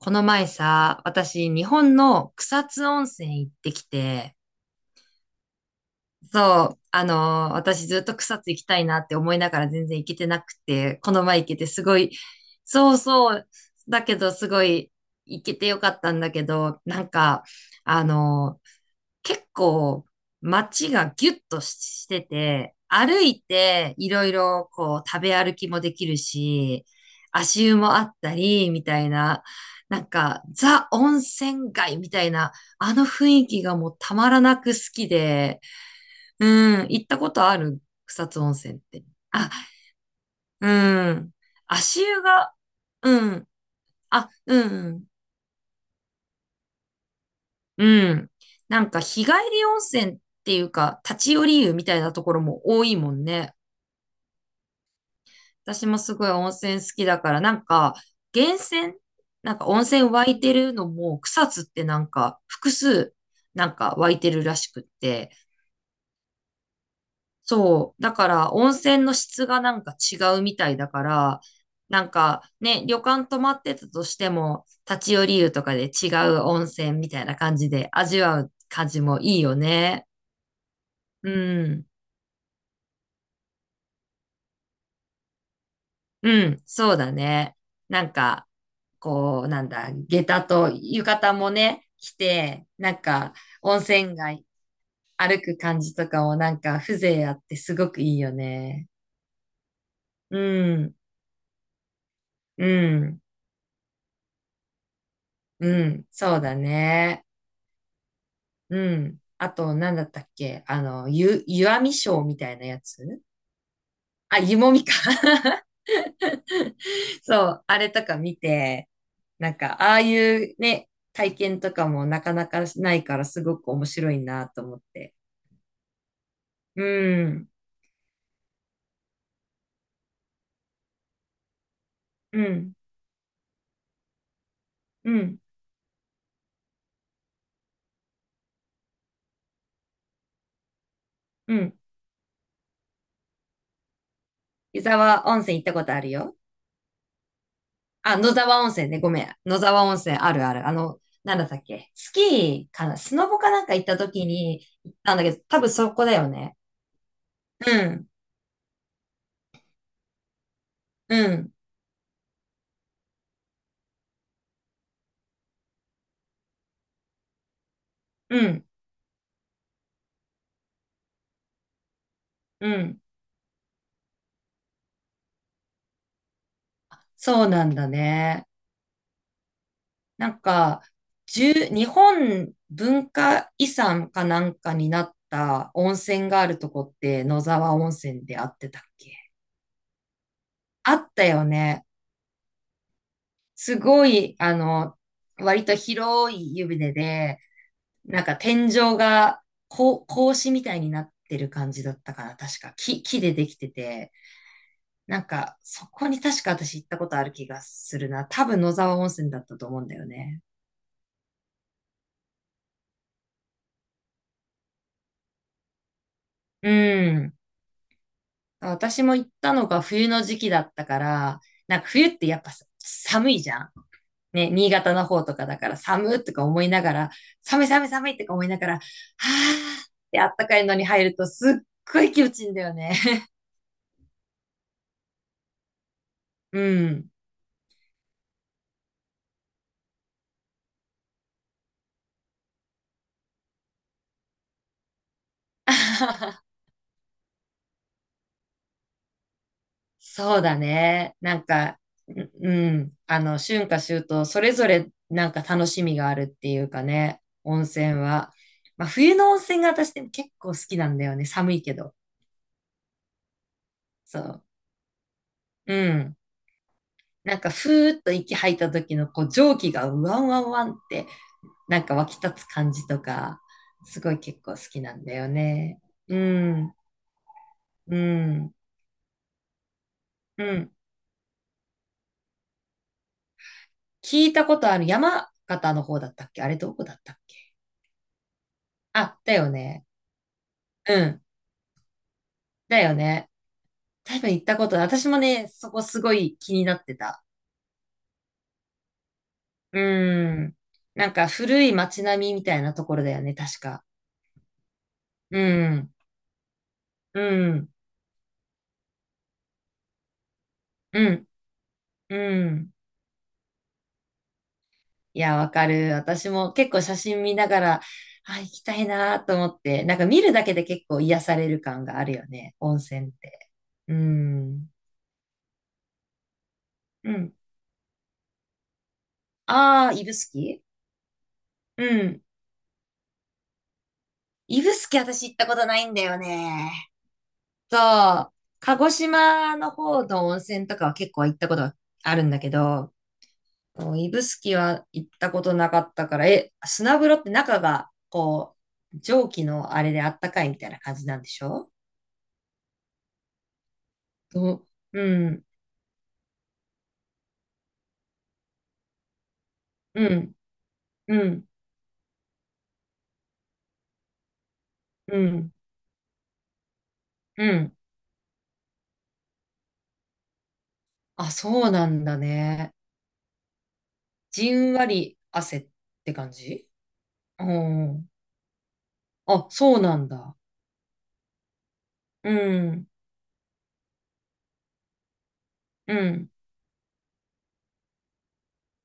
この前さ、私、日本の草津温泉行ってきて、そう、私ずっと草津行きたいなって思いながら全然行けてなくて、この前行けてすごい、そうそう、だけどすごい行けてよかったんだけど、あの結構街がギュッとしてて、歩いていろいろこう食べ歩きもできるし、足湯もあったり、みたいな、なんかザ温泉街みたいな、あの雰囲気がもうたまらなく好きで、うん、行ったことある草津温泉って？あ、うん、足湯が、うん、あ、うん、うん。なんか日帰り温泉っていうか、立ち寄り湯みたいなところも多いもんね。私もすごい温泉好きだから、なんか源泉、なんか温泉湧いてるのも草津ってなんか複数なんか湧いてるらしくって。そう。だから温泉の質がなんか違うみたいだから、なんかね、旅館泊まってたとしても、立ち寄り湯とかで違う温泉みたいな感じで味わう感じもいいよね。うん。うん、そうだね。なんか、こう、なんだ、下駄と浴衣もね、着て、なんか、温泉街歩く感じとかもなんか、風情あってすごくいいよね。うん、うん、うん、そうだね。うん。あと、なんだったっけあの、湯あみショーみたいなやつ、あ、湯もみか。そう、あれとか見て、なんか、ああいうね、体験とかもなかなかないからすごく面白いなと思って。うん、うん、うん、うん。湯沢温泉行ったことあるよ。あ、野沢温泉ね、ごめん。野沢温泉あるある。あの、なんだったっけスキーかなスノボかなんか行った時に行ったんだけど、多分そこだよね。うん、うん、うん、うん。そうなんだね。なんか、十日本文化遺産かなんかになった温泉があるとこって野沢温泉であってたっけ？あったよね。すごい、あの、割と広い湯船で、なんか天井がこう格子みたいになってる感じだったかな。確か木でできてて。なんか、そこに確か私行ったことある気がするな。多分野沢温泉だったと思うんだよね。うん。私も行ったのが冬の時期だったから、なんか冬ってやっぱさ寒いじゃん。ね、新潟の方とかだから寒っとか思いながら、寒い寒い寒いとか思いながら、はーってあったかいのに入るとすっごい気持ちいいんだよね。うん。そうだね。なんか、ううん。あの、春夏秋冬、それぞれなんか楽しみがあるっていうかね、温泉は。まあ、冬の温泉が私でも結構好きなんだよね。寒いけど。そう。うん。なんかふーっと息吐いた時のこう蒸気がうわんわんわんってなんか湧き立つ感じとか、すごい結構好きなんだよね。うん、うん、うん。聞いたことある山形の方だったっけ？あれどこだったっけ？あ、だよね。うん、だよね。多分行ったことない。私もね、そこすごい気になってた。うん。なんか古い街並みみたいなところだよね、確か。うん、うん、うん、うん。いや、わかる。私も結構写真見ながら、あ、行きたいなと思って、なんか見るだけで結構癒される感があるよね、温泉って。うん。うん。ああ、指宿。うん。指宿私行ったことないんだよね。そう。鹿児島の方の温泉とかは結構行ったことがあるんだけど、そう指宿は行ったことなかったから、え、砂風呂って中が、こう、蒸気のあれであったかいみたいな感じなんでしょ？どううん。うん、うん、うん、うん。あ、そうなんだね。じんわり汗って感じ？うん。あ、そうなんだ。うん、うん、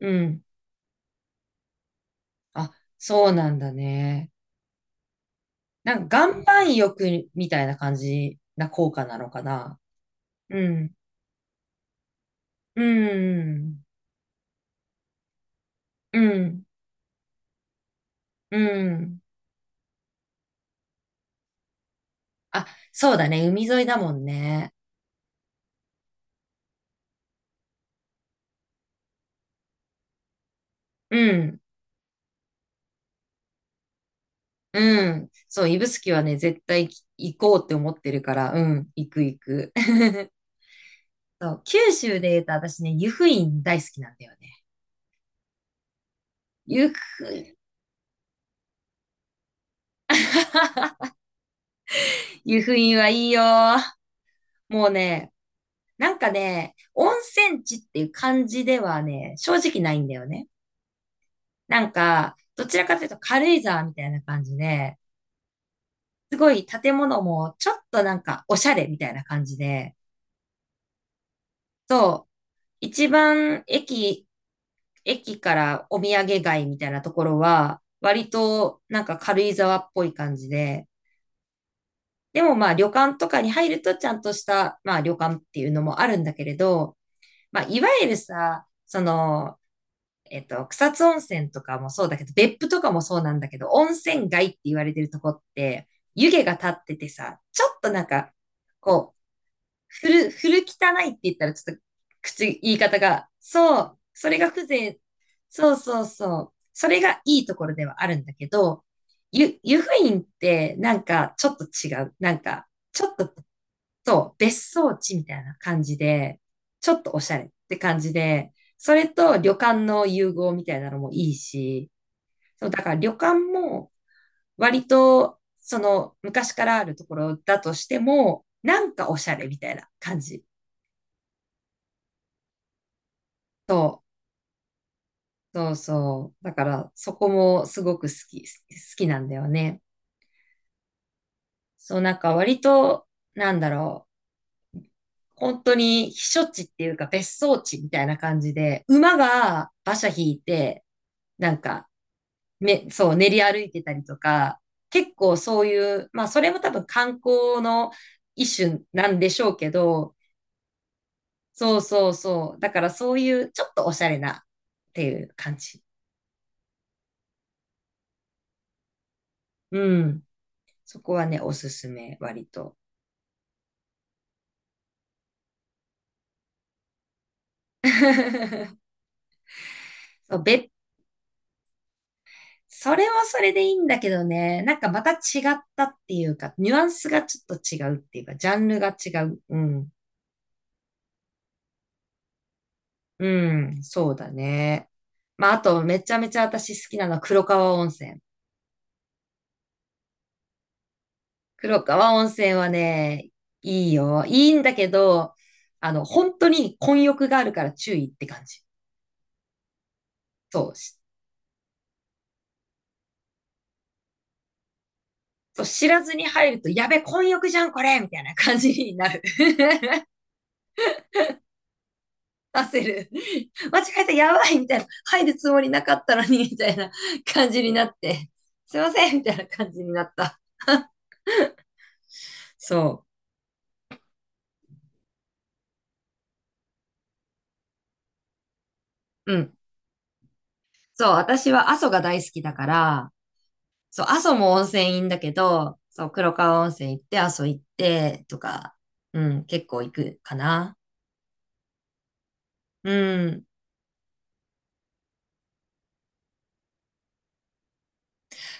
うん。あ、そうなんだね。なんか岩盤浴みたいな感じな効果なのかな。うん、うん、うん、うん。あ、そうだね。海沿いだもんね。うん。うん。そう、指宿はね、絶対行こうって思ってるから、うん、行く行く。そう、九州で言うと私ね、湯布院大好きなんだよね。湯布院。湯布院はいいよ。もうね、なんかね、温泉地っていう感じではね、正直ないんだよね。なんか、どちらかというと軽井沢みたいな感じで、すごい建物もちょっとなんかおしゃれみたいな感じで、そう、一番駅駅からお土産街みたいなところは、割となんか軽井沢っぽい感じで、でもまあ旅館とかに入るとちゃんとした、まあ旅館っていうのもあるんだけれど、まあいわゆるさ、その、えっと、草津温泉とかもそうだけど、別府とかもそうなんだけど、温泉街って言われてるとこって、湯気が立っててさ、ちょっとなんか、こう、古汚いって言ったらちょっと言い方が、そう、それが風情、そうそうそう、それがいいところではあるんだけど、湯布院ってなんかちょっと違う。なんか、ちょっと、そう、別荘地みたいな感じで、ちょっとおしゃれって感じで、それと旅館の融合みたいなのもいいし、そう、だから旅館も割と、その昔からあるところだとしても、なんかおしゃれみたいな感じ。そう、そうそう。だから、そこもすごく好きなんだよね。そう、なんか割と、なんだろう。本当に避暑地っていうか別荘地みたいな感じで、馬が馬車引いて、なんか、そう、練り歩いてたりとか、結構そういう、まあそれも多分観光の一種なんでしょうけど、そうそうそう。だからそういうちょっとおしゃれなっていう感じ。うん。そこはね、おすすめ、割と。そう、別それもそれでいいんだけどね、なんかまた違ったっていうか、ニュアンスがちょっと違うっていうか、ジャンルが違う。うん。うん、そうだね。まあ、あと、めちゃめちゃ私好きなのは黒川温泉。黒川温泉はね、いいよ。いいんだけど、あの、本当に混浴があるから注意って感じ。そう。そう知らずに入ると、やべ、混浴じゃん、これみたいな感じになる。出せる。間違えた、やばいみたいな。入るつもりなかったのに、みたいな感じになって。すいませんみたいな感じになった。そう。うん。そう、私は阿蘇が大好きだから、そう、阿蘇も温泉いいんだけど、そう、黒川温泉行って、阿蘇行って、とか、うん、結構行くかな。うん。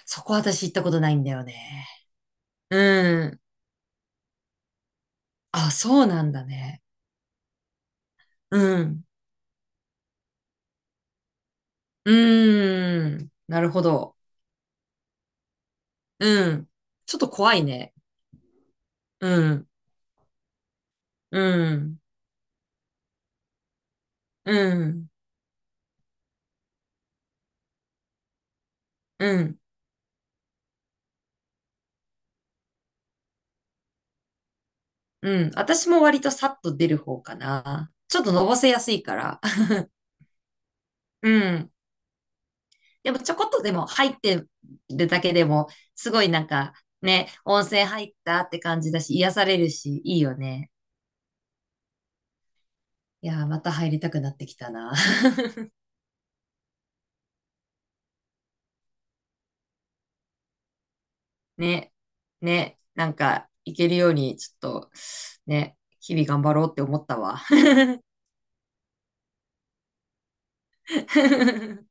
そこ私行ったことないんだよね。うん。あ、そうなんだね。うん。うーん。なるほど。うん。ちょっと怖いね。うん。うん、うん、うん、うん。私も割とさっと出る方かな。ちょっとのぼせやすいから。うん。でもちょこっとでも入ってるだけでも、すごいなんかね、温泉入ったって感じだし、癒されるし、いいよね。いやー、また入りたくなってきたな。ね、ね、なんか行けるように、ちょっと、ね、日々頑張ろうって思ったわ。